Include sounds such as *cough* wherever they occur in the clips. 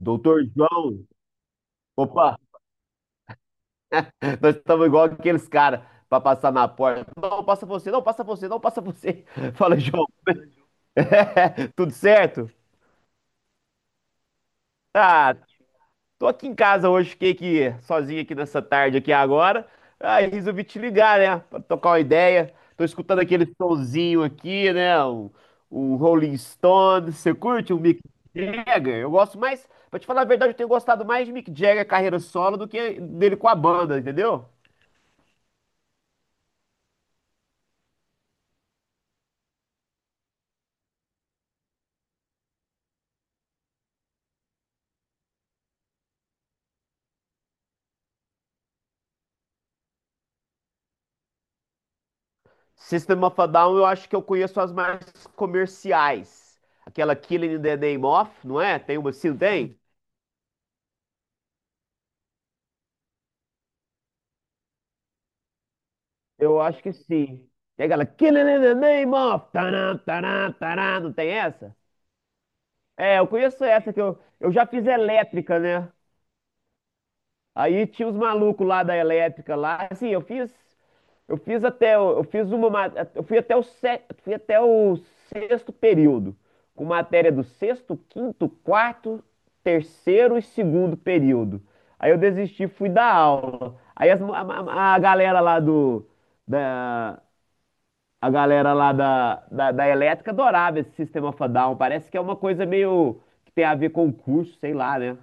Doutor João, opa, nós estamos igual aqueles caras para passar na porta. Não, passa você, não, passa você, não, passa você. *laughs* Fala, João, é, tudo certo? Ah, tô aqui em casa hoje, fiquei aqui sozinho aqui nessa tarde aqui agora. Aí resolvi te ligar, né, para tocar uma ideia. Tô escutando aquele sonzinho aqui, né, um Rolling Stones. Você curte o Mick Jagger? Eu gosto mais, pra te falar a verdade, eu tenho gostado mais de Mick Jagger carreira solo do que dele com a banda, entendeu? System of a Down, eu acho que eu conheço as mais comerciais. Aquela Killing in the Name of, não é? Tem uma assim, não tem? Eu acho que sim. Tem aquela Killing in the Name of, taran, taran, taran, não tem essa? É, eu conheço essa que eu já fiz elétrica, né? Aí tinha os malucos lá da elétrica lá, assim, eu fiz até, eu fiz uma, eu fui até o fui até o sexto período, com matéria do sexto, quinto, quarto, terceiro e segundo período. Aí eu desisti, fui dar aula. Aí as galera lá do, da, a galera lá da elétrica adorava esse sistema of a Down. Parece que é uma coisa meio que tem a ver com o curso, sei lá, né?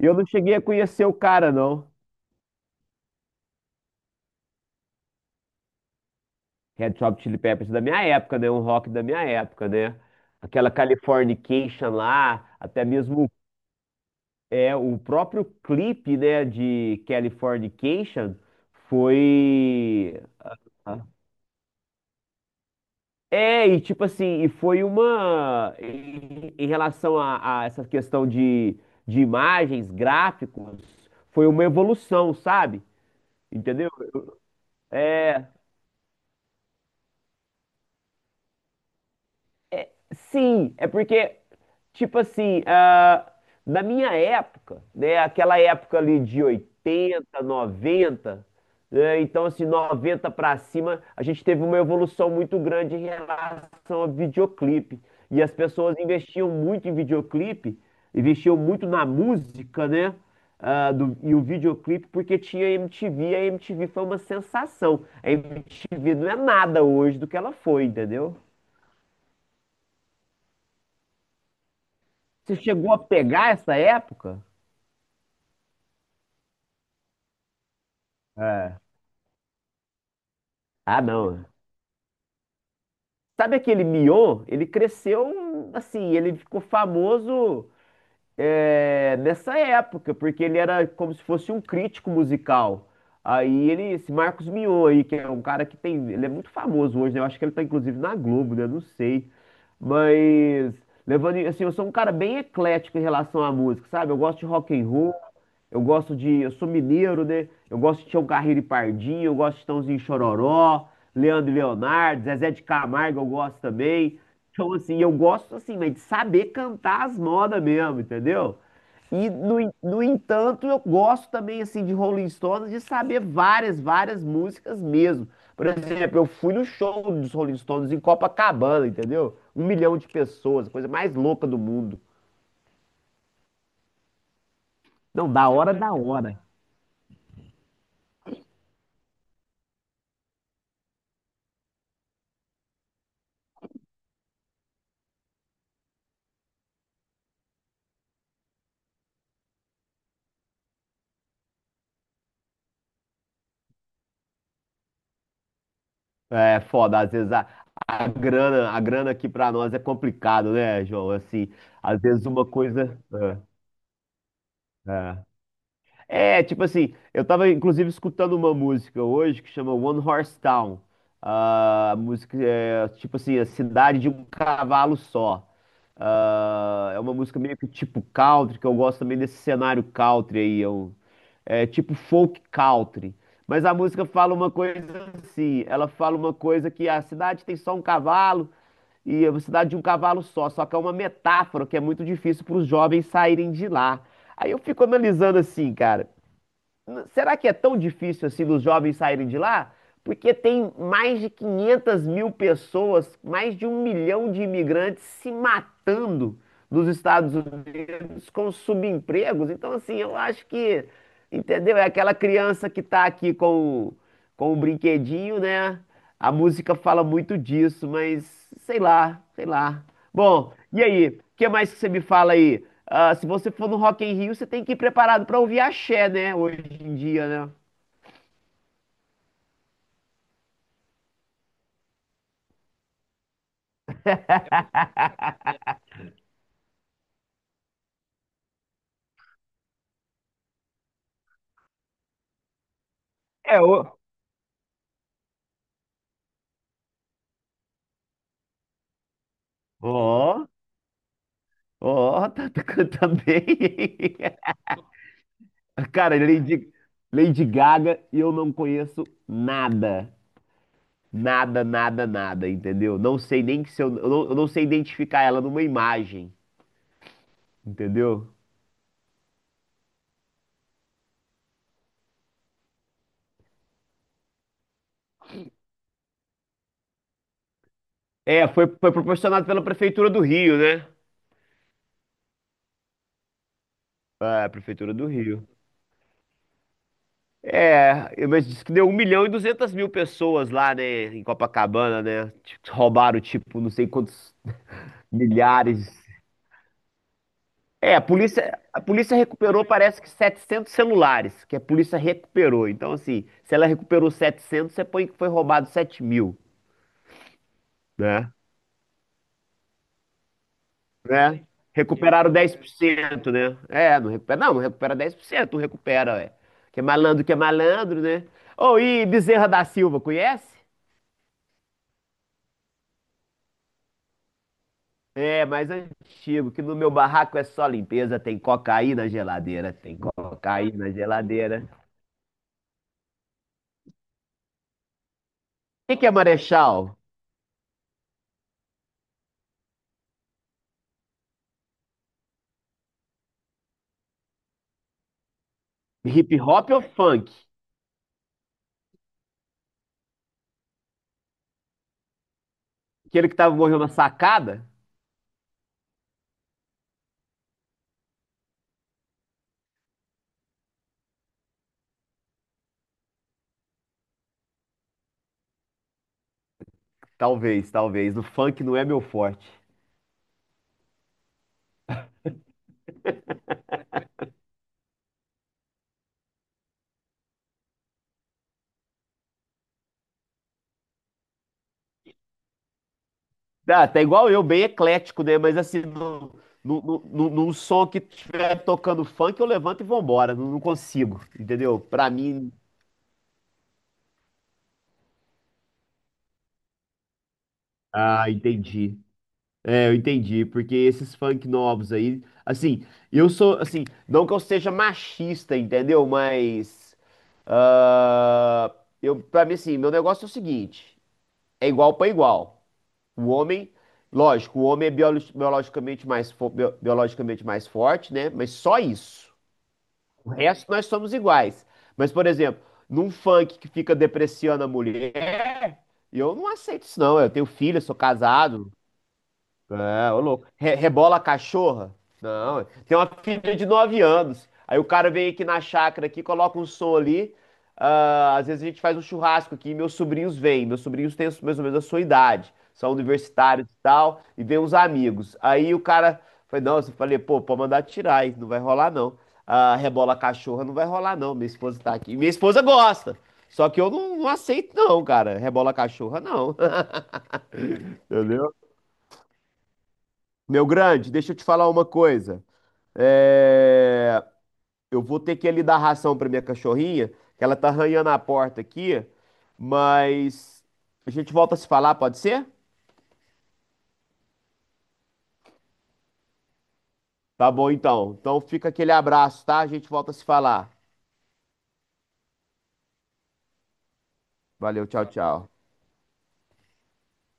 E eu não cheguei a conhecer o cara, não. Red Hot Chili Peppers da minha época, né? Um rock da minha época, né? Aquela Californication lá, até mesmo é, o próprio clipe, né, de Californication foi... É, e tipo assim, e foi uma... Em relação a essa questão de imagens, gráficos, foi uma evolução, sabe? Entendeu? É, sim, é porque, tipo assim, na minha época, né, aquela época ali de oitenta, 90, né, então assim, 90 pra cima, a gente teve uma evolução muito grande em relação ao videoclipe. E as pessoas investiam muito em videoclipe, investiam muito na música, né? E o videoclipe, porque tinha MTV, a MTV foi uma sensação. A MTV não é nada hoje do que ela foi, entendeu? Você chegou a pegar essa época? É. Ah, não. Sabe aquele Mion? Ele cresceu assim, ele ficou famoso é, nessa época, porque ele era como se fosse um crítico musical. Aí ele, esse Marcos Mion aí, que é um cara que tem, ele é muito famoso hoje, né? Eu acho que ele tá inclusive na Globo, né? Não sei. Mas levando, assim, eu sou um cara bem eclético em relação à música, sabe? Eu gosto de rock and roll. Eu gosto de. Eu sou mineiro, né? Eu gosto de Tião Carreiro e Pardinho, eu gosto de Chitãozinho e Chororó, Leandro e Leonardo, Zezé de Camargo, eu gosto também. Então, assim, eu gosto, assim, mas de saber cantar as modas mesmo, entendeu? E, no entanto, eu gosto também, assim, de Rolling Stones, de saber várias, várias músicas mesmo. Por exemplo, eu fui no show dos Rolling Stones em Copacabana, entendeu? Um milhão de pessoas, a coisa mais louca do mundo. Não, da hora, da hora. É foda, às vezes a grana aqui pra nós é complicado, né, João? Assim, às vezes uma coisa. É, é. É, tipo assim, eu tava inclusive escutando uma música hoje que chama One Horse Town. Ah, a música é tipo assim, a cidade de um cavalo só. Ah, é uma música meio que tipo country, que eu gosto também desse cenário country aí. Eu, é tipo folk country. Mas a música fala uma coisa assim, ela fala uma coisa que a cidade tem só um cavalo e a cidade de um cavalo só, só que é uma metáfora que é muito difícil para os jovens saírem de lá. Aí eu fico analisando assim, cara, será que é tão difícil assim dos jovens saírem de lá? Porque tem mais de 500 mil pessoas, mais de um milhão de imigrantes se matando nos Estados com subempregos. Então, assim, eu acho que, entendeu? É aquela criança que tá aqui com o brinquedinho, né? A música fala muito disso, mas sei lá, sei lá. Bom, e aí? O que mais que você me fala aí? Ah, se você for no Rock in Rio, você tem que ir preparado pra ouvir axé, né? Hoje em dia, né? *laughs* É, o... Ó, ó, tá cantando bem. *laughs* Cara, Lady Gaga, eu não conheço nada. Nada, nada, nada, entendeu? Não sei nem que se eu, eu não sei identificar ela numa imagem, entendeu? É, foi, foi proporcionado pela Prefeitura do Rio, né? Ah, Prefeitura do Rio. É, mas disse que deu um milhão e 200 mil pessoas lá, né, em Copacabana, né? Tipo, roubaram, tipo, não sei quantos milhares. É, a polícia recuperou, parece que 700 celulares, que a polícia recuperou. Então, assim, se ela recuperou 700 você põe que foi roubado 7 mil, né? Né? Recuperaram dez por cento, né? É, não recupera, não, não recupera 10%, não recupera, ué. Que é malandro, né? Ô, e Bezerra da Silva, conhece? É, mais antigo, que no meu barraco é só limpeza, tem cocaína na geladeira, tem cocaína na geladeira. O que que é Marechal? Hip hop ou funk? Aquele que tava morrendo na sacada? Talvez, talvez. O funk não é meu forte. Ah, tá igual eu, bem eclético, né? Mas assim, num som que estiver tocando funk, eu levanto e vambora. Não, não consigo, entendeu? Pra mim. Ah, entendi. É, eu entendi, porque esses funk novos aí, assim, eu sou, assim, não que eu seja machista, entendeu? Mas, ah, eu, pra mim, assim, meu negócio é o seguinte, é igual pra igual. O homem, lógico, o homem é biologicamente mais, biologicamente mais forte, né? Mas só isso. O resto nós somos iguais. Mas, por exemplo, num funk que fica depreciando a mulher, eu não aceito isso, não. Eu tenho filho, eu sou casado, é, ô louco. Rebola a cachorra? Não, tem uma filha de 9 anos. Aí o cara vem aqui na chácara aqui, coloca um som ali. Ah, às vezes a gente faz um churrasco aqui, e meus sobrinhos vêm. Meus sobrinhos têm mais ou menos a sua idade, são universitários e tal, e vêm uns amigos. Aí o cara foi, nossa, eu falei, pô, pode mandar tirar, aí não vai rolar não. Ah, rebola a cachorra não vai rolar não. Minha esposa tá aqui. Minha esposa gosta. Só que eu não, não aceito não, cara. Rebola a cachorra não. *laughs* Entendeu? Meu grande, deixa eu te falar uma coisa. É, eu vou ter que ali dar ração pra minha cachorrinha, que ela tá arranhando a porta aqui, mas a gente volta a se falar, pode ser? Tá bom então. Então fica aquele abraço, tá? A gente volta a se falar. Valeu, tchau, tchau.